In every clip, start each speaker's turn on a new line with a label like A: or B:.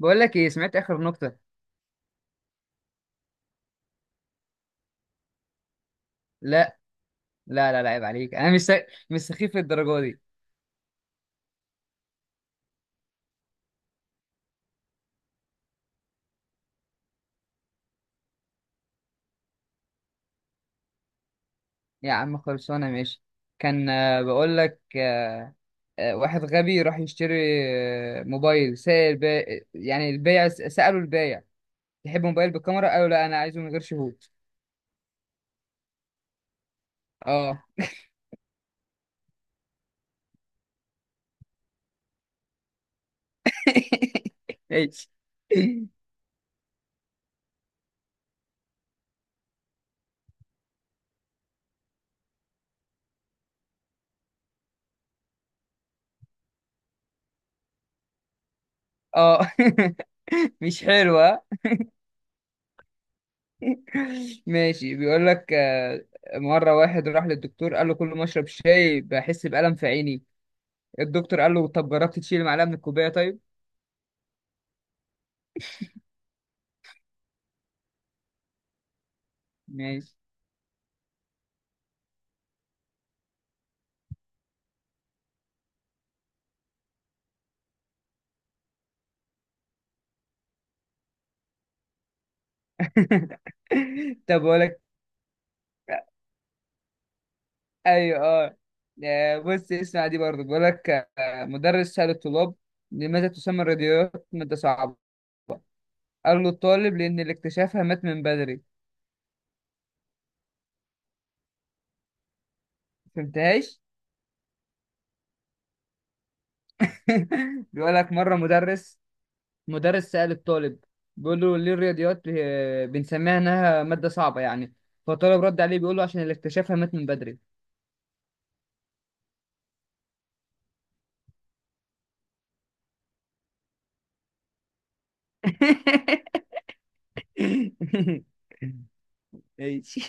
A: بقول لك ايه؟ سمعت اخر نكته؟ لا، لا، لا، لا، عيب عليك. انا مش سخيف للدرجه دي. يا عم خلصانه. ماشي. كان آه، بقول لك واحد غبي راح يشتري موبايل سائل يعني البايع سأله البايع: تحب موبايل بالكاميرا؟ قالوا: لا، انا عايزه من غير شهود. اه. ماشي. اه. مش حلوة. ماشي. بيقول لك مرة واحد راح للدكتور، قال له: كل ما اشرب شاي بحس بألم في عيني. الدكتور قال له: طب جربت تشيل معلقه من الكوبايه؟ طيب. ماشي. طب بقول لك. ايوه، اه. بص اسمع دي برضه، بقول لك مدرس سأل الطلاب: لماذا تسمى الراديوات مادة صعبة؟ قال له الطالب: لأن اللي اكتشفها مات من بدري. فهمتهاش. بيقول لك مرة مدرس سأل الطالب، بيقول له: ليه الرياضيات بنسميها إنها مادة صعبة يعني؟ فالطالب رد عليه بيقول له: عشان اللي اكتشفها مات من بدري. ماشي.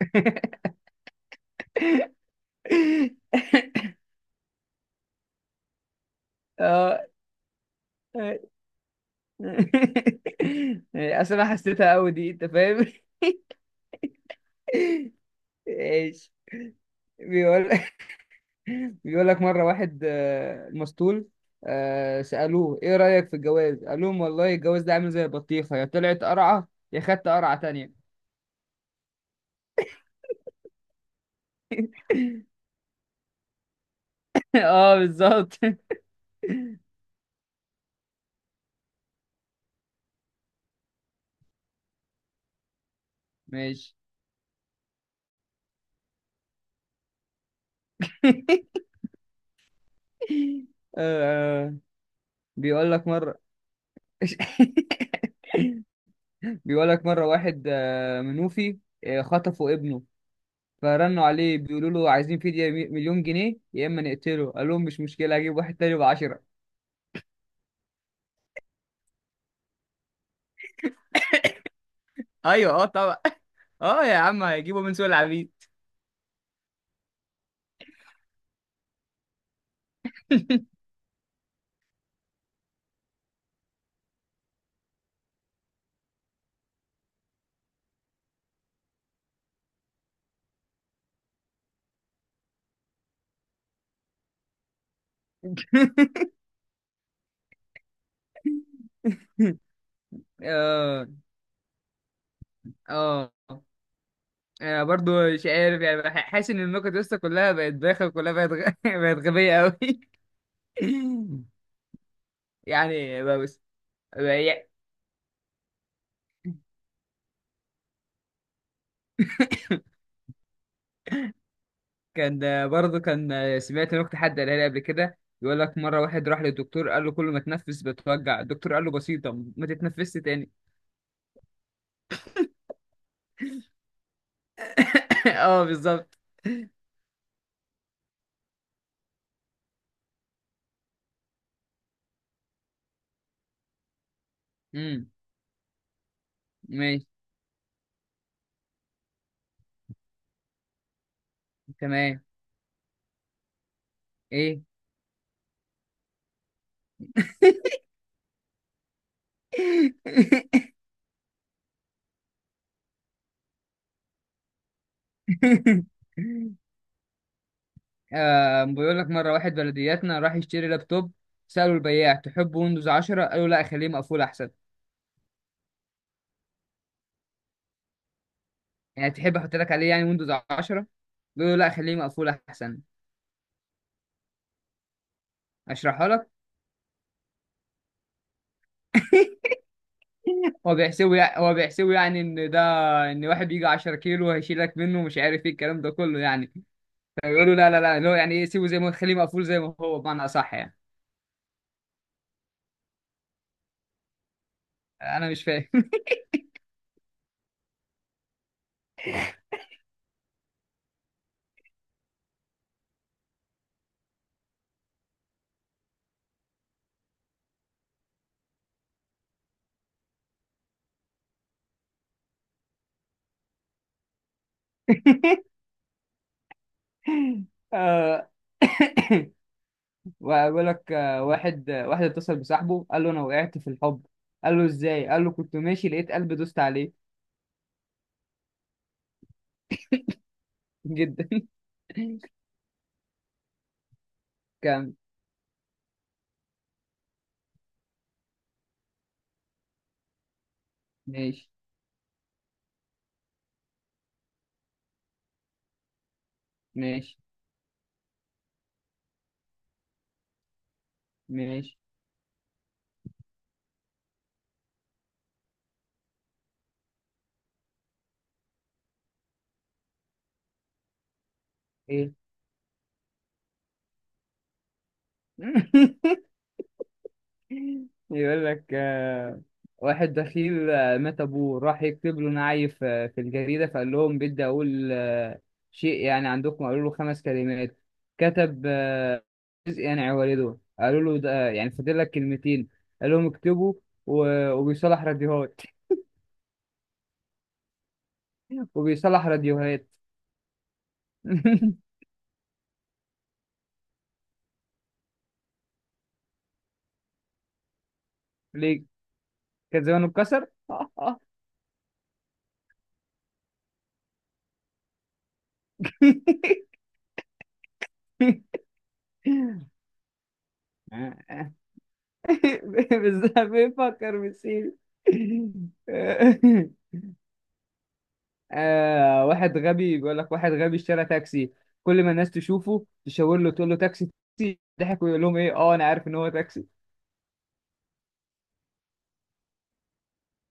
A: اه، يعني اصل انا حسيتها قوي دي، انت فاهم؟ ايش؟ بيقول بيقول لك: مره واحد مسطول، سالوه: ايه رايك في الجواز؟ قال لهم: والله الجواز ده عامل زي البطيخه، يا طلعت قرعه يا خدت قرعه تانية. اه بالظبط. ماشي. آه، بيقول لك مره بيقول لك مره واحد منوفي خطفوا ابنه، فرنوا عليه بيقولوا له: عايزين فدية مليون جنيه يا اما نقتله. قال لهم: مش مشكلة، هجيب واحد تاني بعشرة. ايوه، اه، طبعا. اه يا عم، هيجيبوا من سوق العبيد. اه، اه. برضو مش عارف يعني، حاسس ان النكت لسه كلها بقت بايخه، كلها بقت غبيه قوي. يعني بقى بس. بقى يع- كان ده برضو، كان سمعت نكته حد قالها لي قبل كده، يقول لك: مره واحد راح للدكتور قال له: كل ما تنفس بتوجع. الدكتور قال له: بسيطه، ما تتنفسش تاني. اه بالظبط. امم. ماشي. تمام. ايه. آه، بيقول لك: مرة واحد بلدياتنا راح يشتري لابتوب، سأله البياع: تحب ويندوز 10؟ قالوا: لا، خليه مقفول أحسن. يعني تحب أحط لك عليه يعني ويندوز 10، بيقولوا: لا، خليه مقفول أحسن. أشرحها لك. هو بيحسبه يعني، إن واحد بيجي 10 كيلو هيشيلك منه، مش عارف إيه الكلام ده كله يعني. فبيقولوا: لا، لا، لا، اللي هو يعني إيه، سيبه زي ما، خليه مقفول زي ما هو، بمعنى أصح يعني. أنا مش فاهم. آه، وبقول لك واحد، واحد اتصل بصاحبه قال له: انا وقعت في الحب. قال له: ازاي؟ قال له: كنت ماشي لقيت قلبي دوست عليه. جدا. كان ماشي، ماشي، ماشي. ايه. يقول لك واحد دخيل مات ابوه، راح يكتب له نعيف في الجريدة، فقال لهم: بدي اقول شيء يعني عندكم. قالوا له: خمس كلمات. كتب: جزء يعني عوارضه. قالوا له: ده يعني فاضل لك كلمتين. قال لهم: اكتبوا وبيصلح راديوهات. وبيصلح راديوهات. ليه؟ كان زمانه اتكسر. بالظبط، بيفكر بالسيل. آه واحد غبي بيقول لك: واحد غبي اشترى تاكسي، كل ما الناس تشوفه تشاور له تقول له: تاكسي، تاكسي، ضحك ويقول لهم: ايه، اه، انا عارف ان هو تاكسي.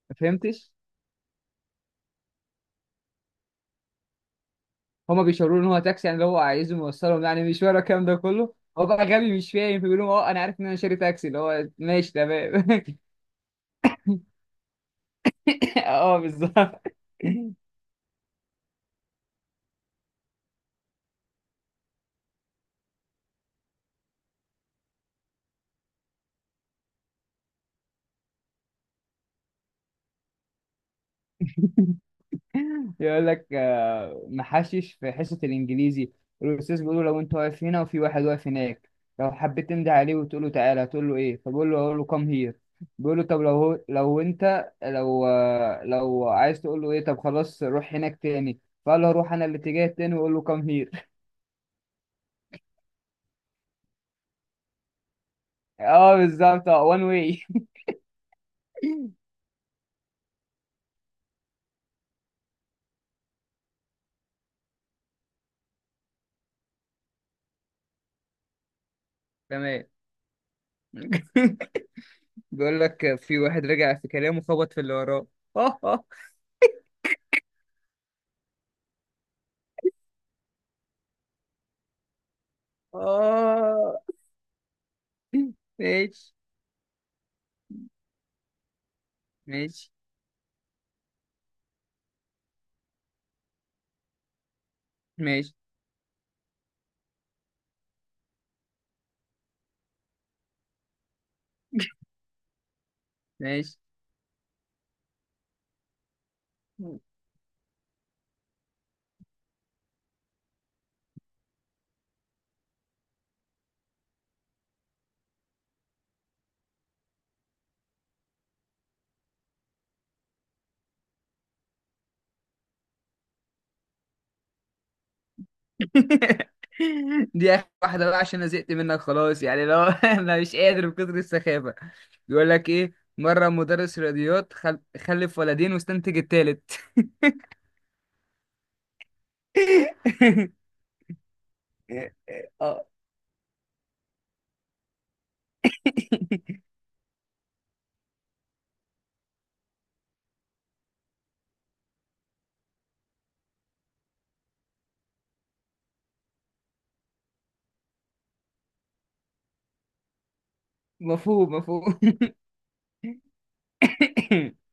A: ما فهمتش. هما بيشاوروا له ان هو تاكسي، يعني اللي هو عايزهم يوصلهم، يعني مشوار، الكلام ده كله، هو بقى غبي مش فاهم، فبيقول لهم: اه انا عارف ان انا شاري تاكسي، اللي هو ماشي تمام. اه بالظبط. يقول لك محشش في حصة الإنجليزي، الأستاذ بيقول له: لو أنت واقف هنا، وفي واحد واقف هناك، لو حبيت تنده عليه وتقول له تعالى، هتقول له إيه؟ فبقول له: هقول له كام هير. بيقول له: طب لو هو لو أنت لو آه، لو عايز تقول له إيه؟ طب خلاص روح هناك تاني. فقال له: هروح أنا الاتجاه التاني وأقول له كام هير. اه بالظبط، اه، وان واي. تمام. بيقول لك: في واحد رجع في كلامه خبط في اللي وراه. اه، اه. آه. ماشي، ماشي، ماشي، ماشي. دي اخر واحده بقى، عشان انا زهقت منك خلاص يعني، لو، انا مش قادر من كتر السخافه. بيقول لك ايه: مره مدرس رياضيات خلف ولدين واستنتج التالت. اه. مفهوم، مفهوم.